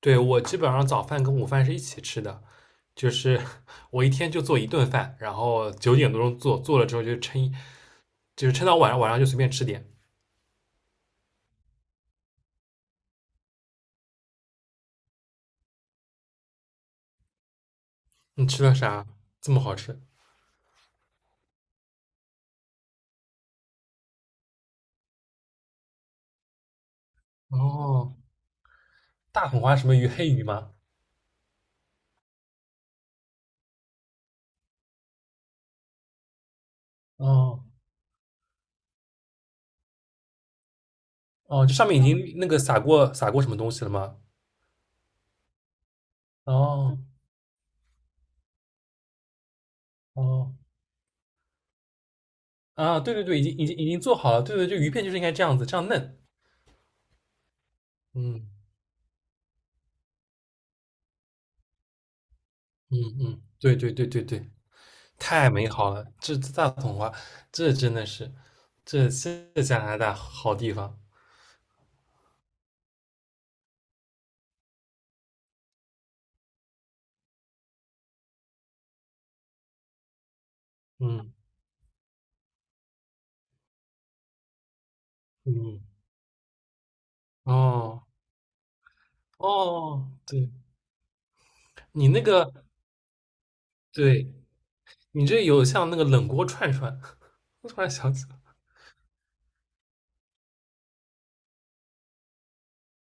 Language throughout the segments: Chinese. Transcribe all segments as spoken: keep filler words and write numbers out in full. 对，我基本上早饭跟午饭是一起吃的，就是我一天就做一顿饭，然后九点多钟做，做了之后就撑一就是撑到晚上，晚上就随便吃点。你吃了啥？这么好吃？哦，大红花什么鱼？黑鱼吗？哦哦，这上面已经那个撒过撒过什么东西了吗？哦哦啊，对对对，已经已经已经做好了。对对，就鱼片就是应该这样子，这样嫩。嗯嗯嗯，对对对对对，太美好了，这这大红花，这真的是。这这加拿大好地方，嗯嗯，哦哦，对你那个，对你这有像那个冷锅串串，我突然想起来，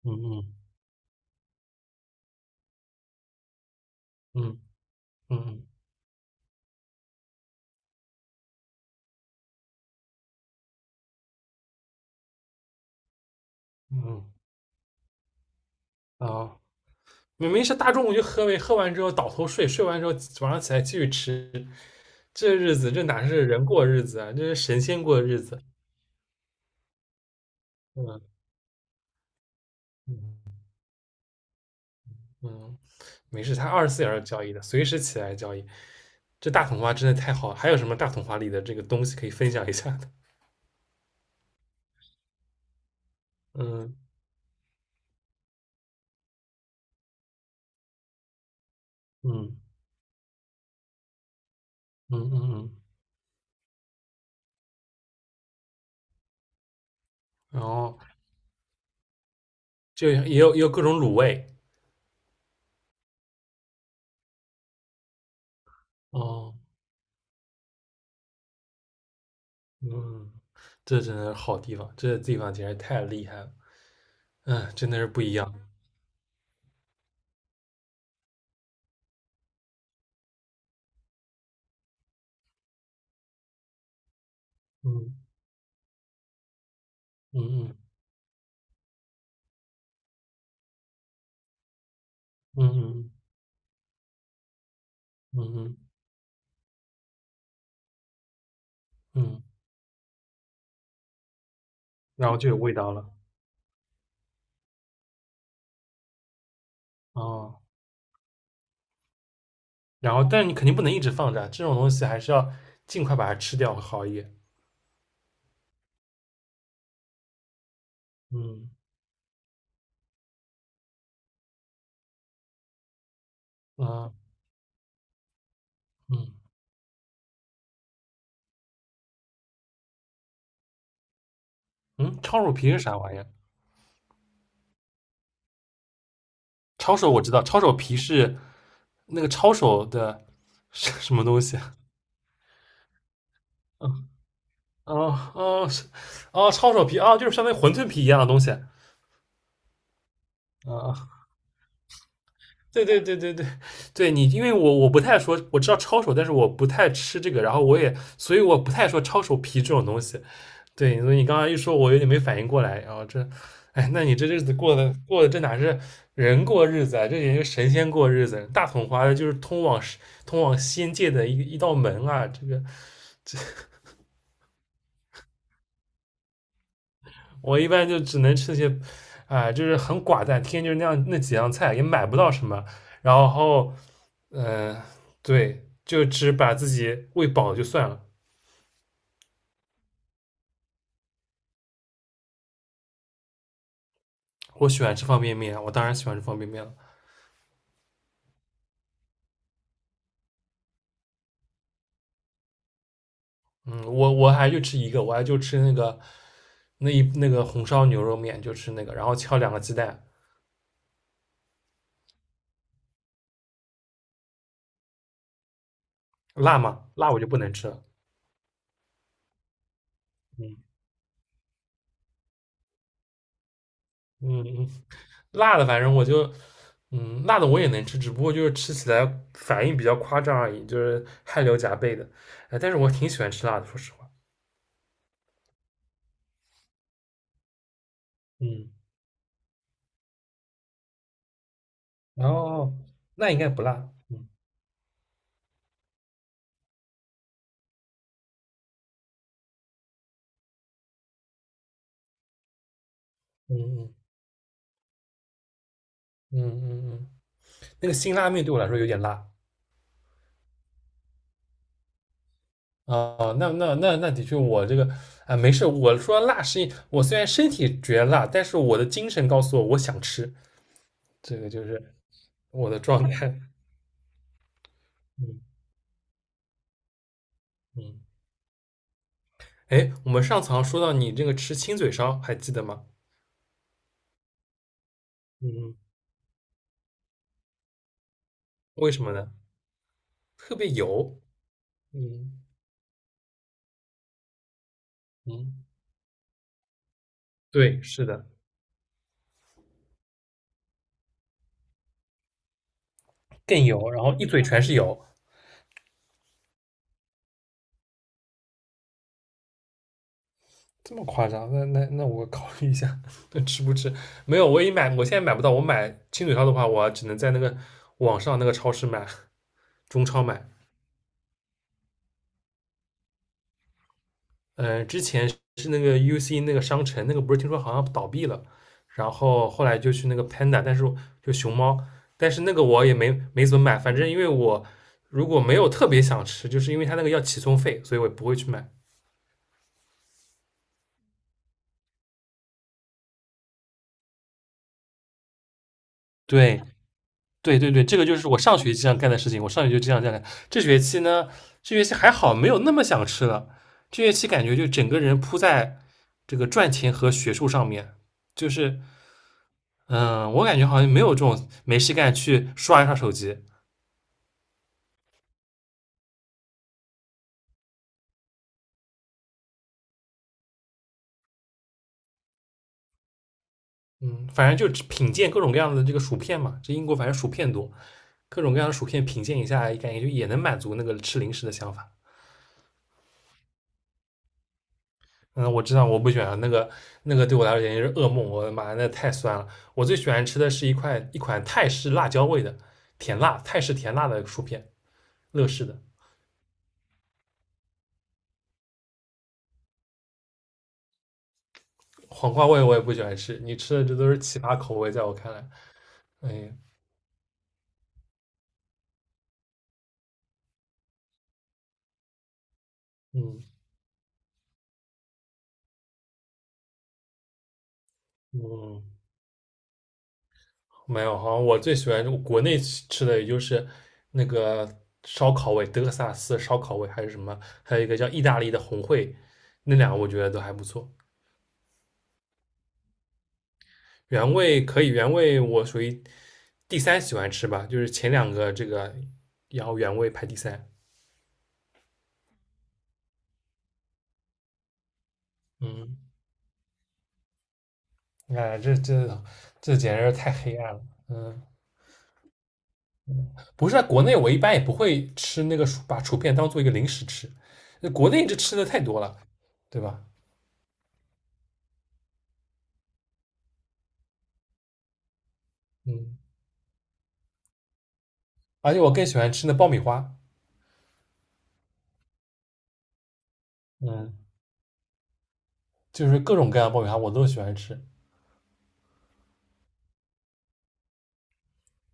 嗯嗯嗯嗯嗯，哦，明明是大中午就喝呗，喝完之后倒头睡，睡完之后晚上起来继续吃，这日子这哪是人过日子啊，这是神仙过日子，嗯嗯。嗯，没事，它二十四小时交易的，随时起来交易。这大统花真的太好了，还有什么大统花里的这个东西可以分享一下的？嗯嗯嗯嗯嗯，然后就也有也有各种卤味哦，嗯，这真的是好地方，这地方简直太厉害了，嗯，真的是不一样，嗯嗯嗯嗯嗯嗯嗯嗯，然后就有味道了哦，然后但是你肯定不能一直放着啊，这种东西还是要尽快把它吃掉会好一点，嗯啊嗯。嗯，抄手皮是啥玩意儿？抄手我知道，抄手皮是那个抄手的是 什么东西？嗯，哦哦是哦，抄手皮啊，就是相当于馄饨皮一样的东西。啊，对对对对对，对你，因为我我不太说，我知道抄手，但是我不太吃这个，然后我也，所以我不太说抄手皮这种东西。对，所以你刚刚一说，我有点没反应过来。然后这，哎，那你这日子过的过的这哪是人过日子啊？这也是神仙过日子。大统华的就是通往世通往仙界的一一道门啊。这个我一般就只能吃些，啊、就是很寡淡，天天就是那样那几样菜，也买不到什么。然后，嗯、对，就只把自己喂饱就算了。我喜欢吃方便面啊，我当然喜欢吃方便面了。嗯，我我还就吃一个，我还就吃那个那一那个红烧牛肉面，就吃那个，然后敲两个鸡蛋，辣吗？辣我就不能吃了。嗯嗯嗯，辣的反正我就嗯辣的我也能吃，只不过就是吃起来反应比较夸张而已，就是汗流浃背的。哎，但是我挺喜欢吃辣的，说实话。嗯，然后那应该不辣。嗯嗯嗯嗯嗯，那个辛拉面对我来说有点辣。啊，那那那那的确，我这个啊，没事。我说辣是因，我虽然身体觉得辣，但是我的精神告诉我我想吃，这个就是我的状态。嗯嗯，哎，我们上次好像说到你这个吃亲嘴烧，还记得吗？嗯，为什么呢？特别油。嗯嗯，对，是的，更油，然后一嘴全是油，这么夸张？那那那我考虑一下，那吃不吃？没有，我也买，我现在买不到。我买亲嘴烧的话，我只能在那个网上那个超市买。中超买。嗯呃，之前是那个 U C 那个商城，那个不是听说好像倒闭了，然后后来就去那个 Panda，但是就熊猫，但是那个我也没没怎么买，反正因为我如果没有特别想吃，就是因为他那个要起送费，所以我也不会去买。对对对对，这个就是我上学期这样干的事情，我上学期就这样干的。这学期呢，这学期还好，没有那么想吃了。这学期感觉就整个人扑在这个赚钱和学术上面，就是嗯，我感觉好像没有这种没事干去刷一刷手机。嗯，反正就品鉴各种各样的这个薯片嘛，这英国反正薯片多，各种各样的薯片品鉴一下，感觉就也能满足那个吃零食的想法。嗯，我知道我不喜欢那个那个对我来说简直是噩梦，我的妈，那太酸了。我最喜欢吃的是一块一款泰式辣椒味的甜辣泰式甜辣的薯片，乐事的黄瓜味我也不喜欢吃。你吃的这都是奇葩口味，在我看来，哎，嗯嗯，没有，好像我最喜欢国内吃的也就是那个烧烤味，德克萨斯烧烤味，还是什么，还有一个叫意大利的红烩，那两个我觉得都还不错。原味可以，原味我属于第三喜欢吃吧，就是前两个这个，然后原味排第三。嗯，哎，这这这简直是太黑暗了。嗯，不是啊，在国内我一般也不会吃那个薯，把薯片当做一个零食吃，那国内这吃的太多了，对吧？嗯，而且我更喜欢吃那爆米花。嗯，就是各种各样的爆米花我都喜欢吃。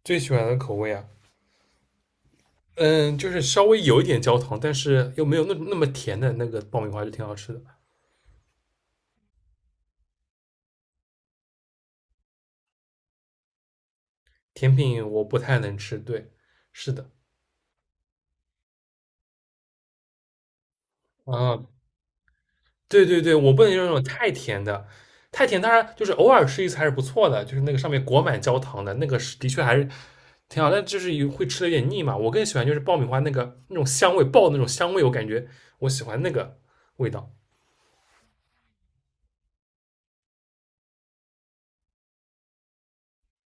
最喜欢的口味啊，嗯，就是稍微有一点焦糖，但是又没有那那么甜的那个爆米花就挺好吃的。甜品我不太能吃，对，是的，啊，对对对，我不能用那种太甜的，太甜当然就是偶尔吃一次还是不错的，就是那个上面裹满焦糖的那个是的确还是挺好，但就是有会吃的有点腻嘛。我更喜欢就是爆米花那个那种香味爆的那种香味，我感觉我喜欢那个味道。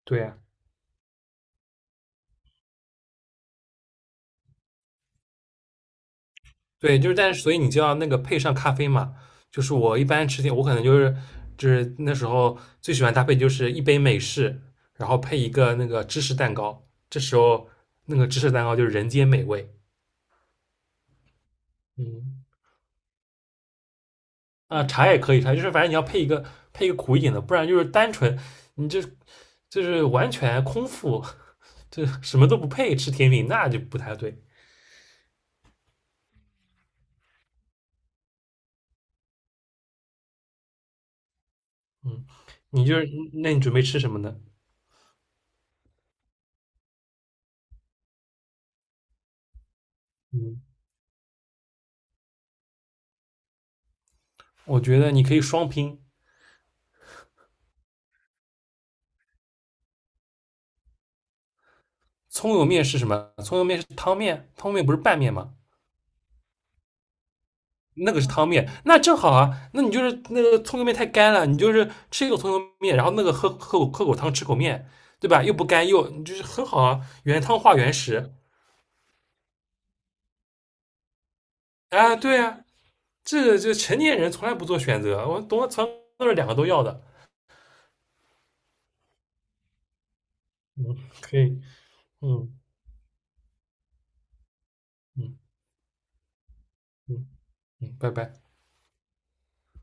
对呀、对，就是但是所以你就要那个配上咖啡嘛。就是我一般吃甜，我可能就是就是那时候最喜欢搭配就是一杯美式，然后配一个那个芝士蛋糕。这时候那个芝士蛋糕就是人间美味。嗯啊，茶也可以，茶就是反正你要配一个配一个苦一点的，不然就是单纯你就就是完全空腹，就什么都不配吃甜品，那就不太对。嗯，你就是那你准备吃什么呢？嗯，我觉得你可以双拼，葱油面是什么？葱油面是汤面，汤面不是拌面吗？那个是汤面，那正好啊。那你就是那个葱油面太干了，你就是吃一口葱油面，然后那个喝喝口喝口汤，吃口面，对吧？又不干又你就是很好啊，原汤化原食啊，对啊，这个就成年人从来不做选择，我从来从来都是两个都要的，嗯，可以，嗯嗯嗯嗯，拜拜。